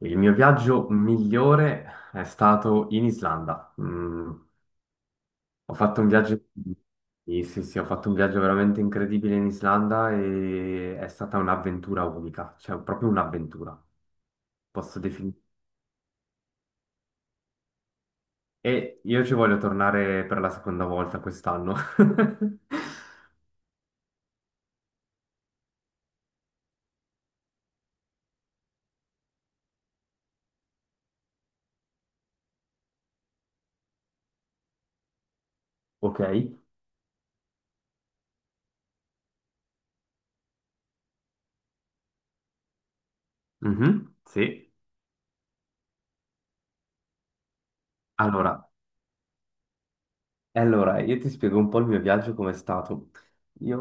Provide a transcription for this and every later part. Il mio viaggio migliore è stato in Islanda. Ho fatto un viaggio. Sì, sì, sì, ho fatto un viaggio veramente incredibile in Islanda e è stata un'avventura unica, cioè proprio un'avventura, posso definire. E io ci voglio tornare per la seconda volta quest'anno. Ok? Mhm, sì. Allora, Allora, io ti spiego un po' il mio viaggio com'è stato. Io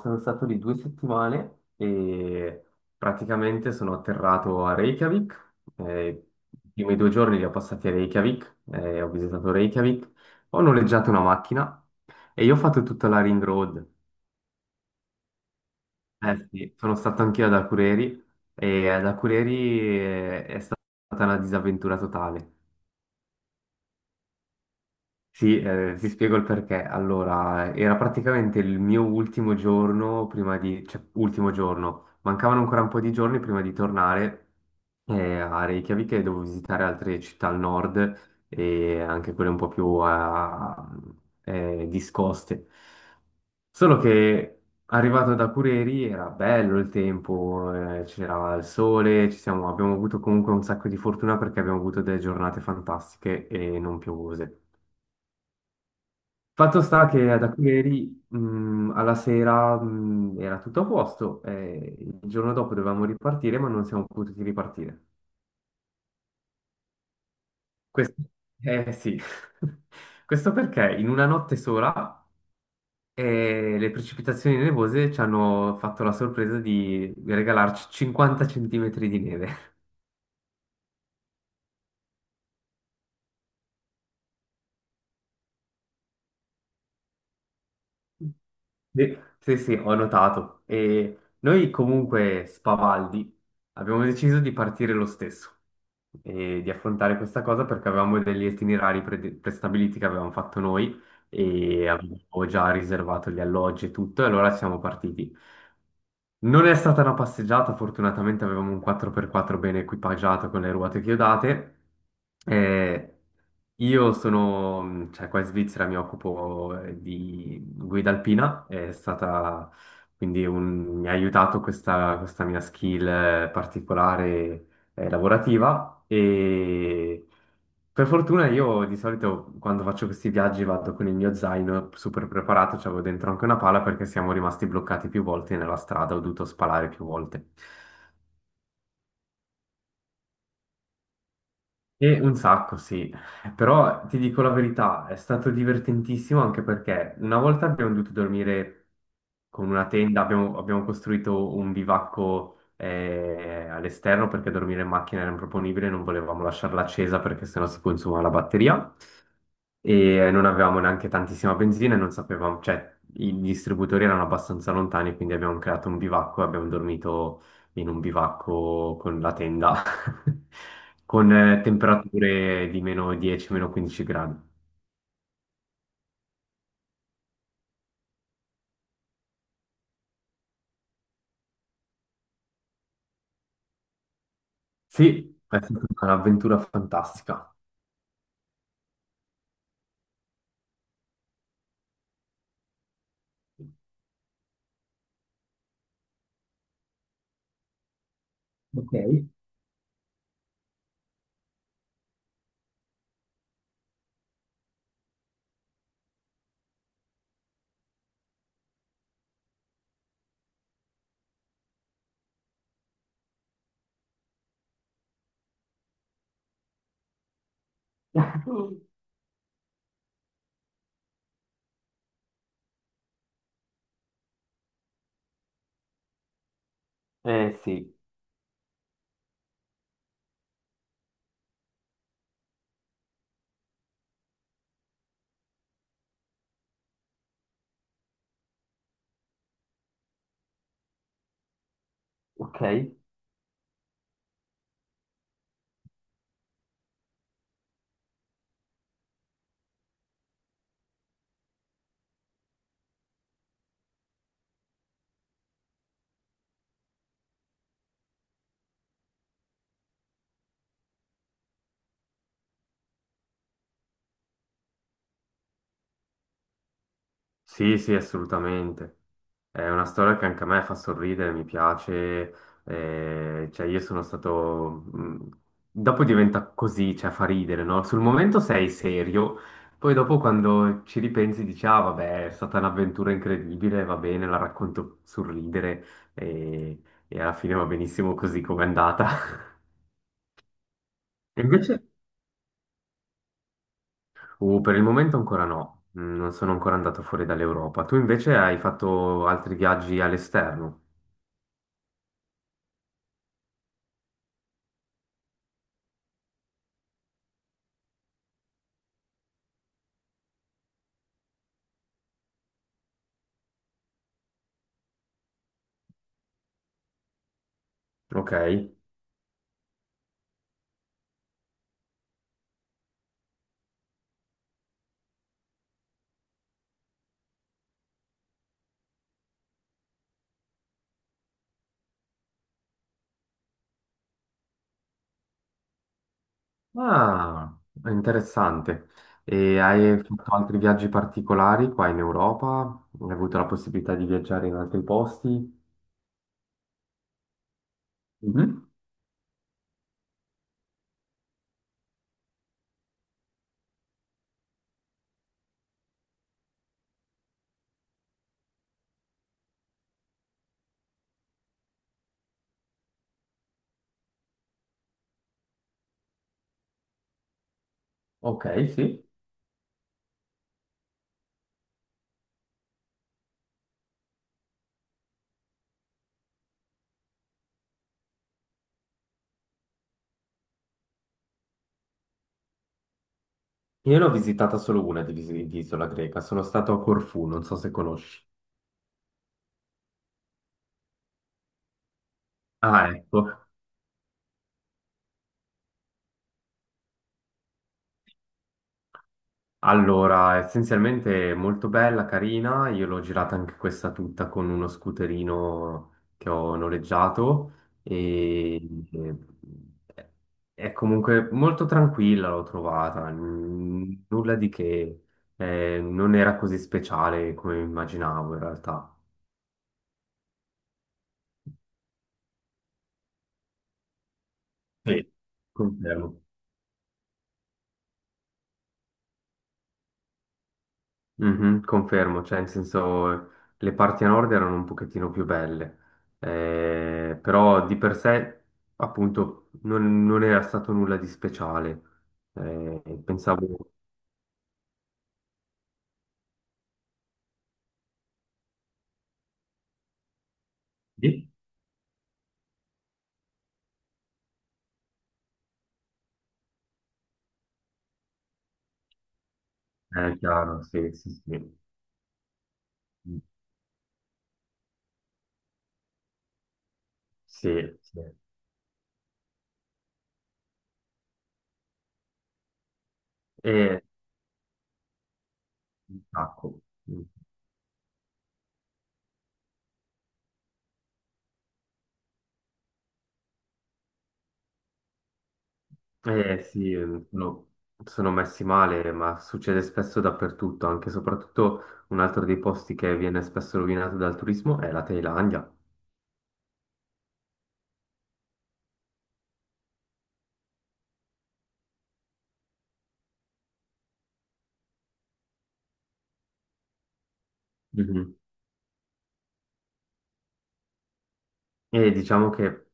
sono stato lì 2 settimane e praticamente sono atterrato a Reykjavik. I primi 2 giorni li ho passati a Reykjavik, ho visitato Reykjavik, ho noleggiato una macchina e io ho fatto tutta la Ring Road. Eh sì, sono stato anch'io ad Akureyri e ad Akureyri è stata una disavventura totale. Sì, ti spiego il perché. Allora, era praticamente il mio ultimo giorno prima di, cioè, ultimo giorno, mancavano ancora un po' di giorni prima di tornare a Reykjavik e dovevo visitare altre città al nord e anche quelle un po' più discoste. Solo che arrivato da Cureri era bello il tempo, c'era il sole, abbiamo avuto comunque un sacco di fortuna perché abbiamo avuto delle giornate fantastiche e non piovose. Fatto sta che da ieri alla sera era tutto a posto, e il giorno dopo dovevamo ripartire, ma non siamo potuti ripartire. Questo, eh sì, questo perché in una notte sola le precipitazioni nevose ci hanno fatto la sorpresa di regalarci 50 centimetri di neve. Sì, sì, sì, ho notato. E noi comunque, spavaldi, abbiamo deciso di partire lo stesso e di affrontare questa cosa perché avevamo degli itinerari prestabiliti che avevamo fatto noi e avevo già riservato gli alloggi e tutto, e allora siamo partiti. Non è stata una passeggiata, fortunatamente avevamo un 4x4 ben equipaggiato con le ruote chiodate. Eh, io sono, cioè qua in Svizzera mi occupo di guida alpina, quindi mi ha aiutato questa mia skill particolare, lavorativa e per fortuna io di solito quando faccio questi viaggi vado con il mio zaino super preparato, c'avevo dentro anche una pala perché siamo rimasti bloccati più volte nella strada, ho dovuto spalare più volte. E un sacco, sì, però ti dico la verità, è stato divertentissimo anche perché una volta abbiamo dovuto dormire con una tenda, abbiamo costruito un bivacco all'esterno perché dormire in macchina era improponibile, non volevamo lasciarla accesa perché sennò si consuma la batteria e non avevamo neanche tantissima benzina e non sapevamo, cioè i distributori erano abbastanza lontani, quindi abbiamo creato un bivacco e abbiamo dormito in un bivacco con la tenda, con temperature di meno 10, meno 15 gradi. Sì, è stata un'avventura fantastica. Ok. Eh sì, ok. Sì, sì, assolutamente. È una storia che anche a me fa sorridere, mi piace. Cioè, dopo diventa così, cioè fa ridere, no? Sul momento sei serio, poi dopo quando ci ripensi dici, ah vabbè, è stata un'avventura incredibile, va bene, la racconto sorridere e, e alla fine va benissimo così come è andata. E invece, per il momento ancora no, non sono ancora andato fuori dall'Europa. Tu invece hai fatto altri viaggi all'esterno? Ok. Ah, interessante. E hai fatto altri viaggi particolari qua in Europa? Hai avuto la possibilità di viaggiare in altri posti? Mhm. Ok, sì. Io l'ho visitata solo una di, di isola greca, sono stato a Corfù, non so se conosci. Ah, ecco. Allora, essenzialmente è molto bella, carina, io l'ho girata anche questa tutta con uno scooterino che ho noleggiato e e è comunque molto tranquilla, l'ho trovata, nulla di che, non era così speciale come immaginavo in realtà. Sì. Confermo. Mhm, confermo, cioè in senso le parti a nord erano un pochettino più belle, però di per sé appunto non era stato nulla di speciale. Pensavo... Sì. Chiaro, sì, sì, sì. Sì, sì. E un sacco. Sì, sono, sono messi male, ma succede spesso dappertutto, anche e soprattutto un altro dei posti che viene spesso rovinato dal turismo è la Thailandia. Mhm. E diciamo che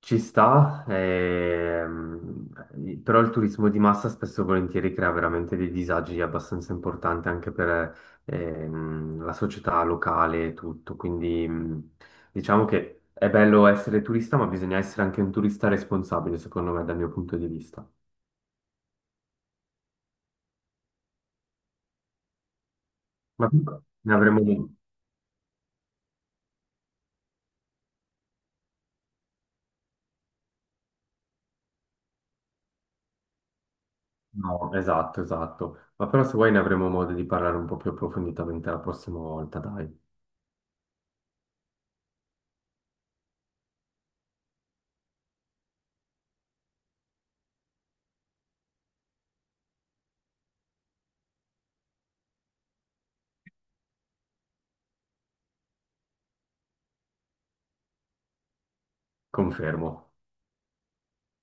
ci sta, però il turismo di massa spesso e volentieri crea veramente dei disagi abbastanza importanti anche per la società locale e tutto. Quindi diciamo che è bello essere turista, ma bisogna essere anche un turista responsabile, secondo me, dal mio punto di vista. Ma ne avremo... No, esatto, esatto. Ma però se vuoi ne avremo modo di parlare un po' più approfonditamente la prossima volta, dai. Confermo.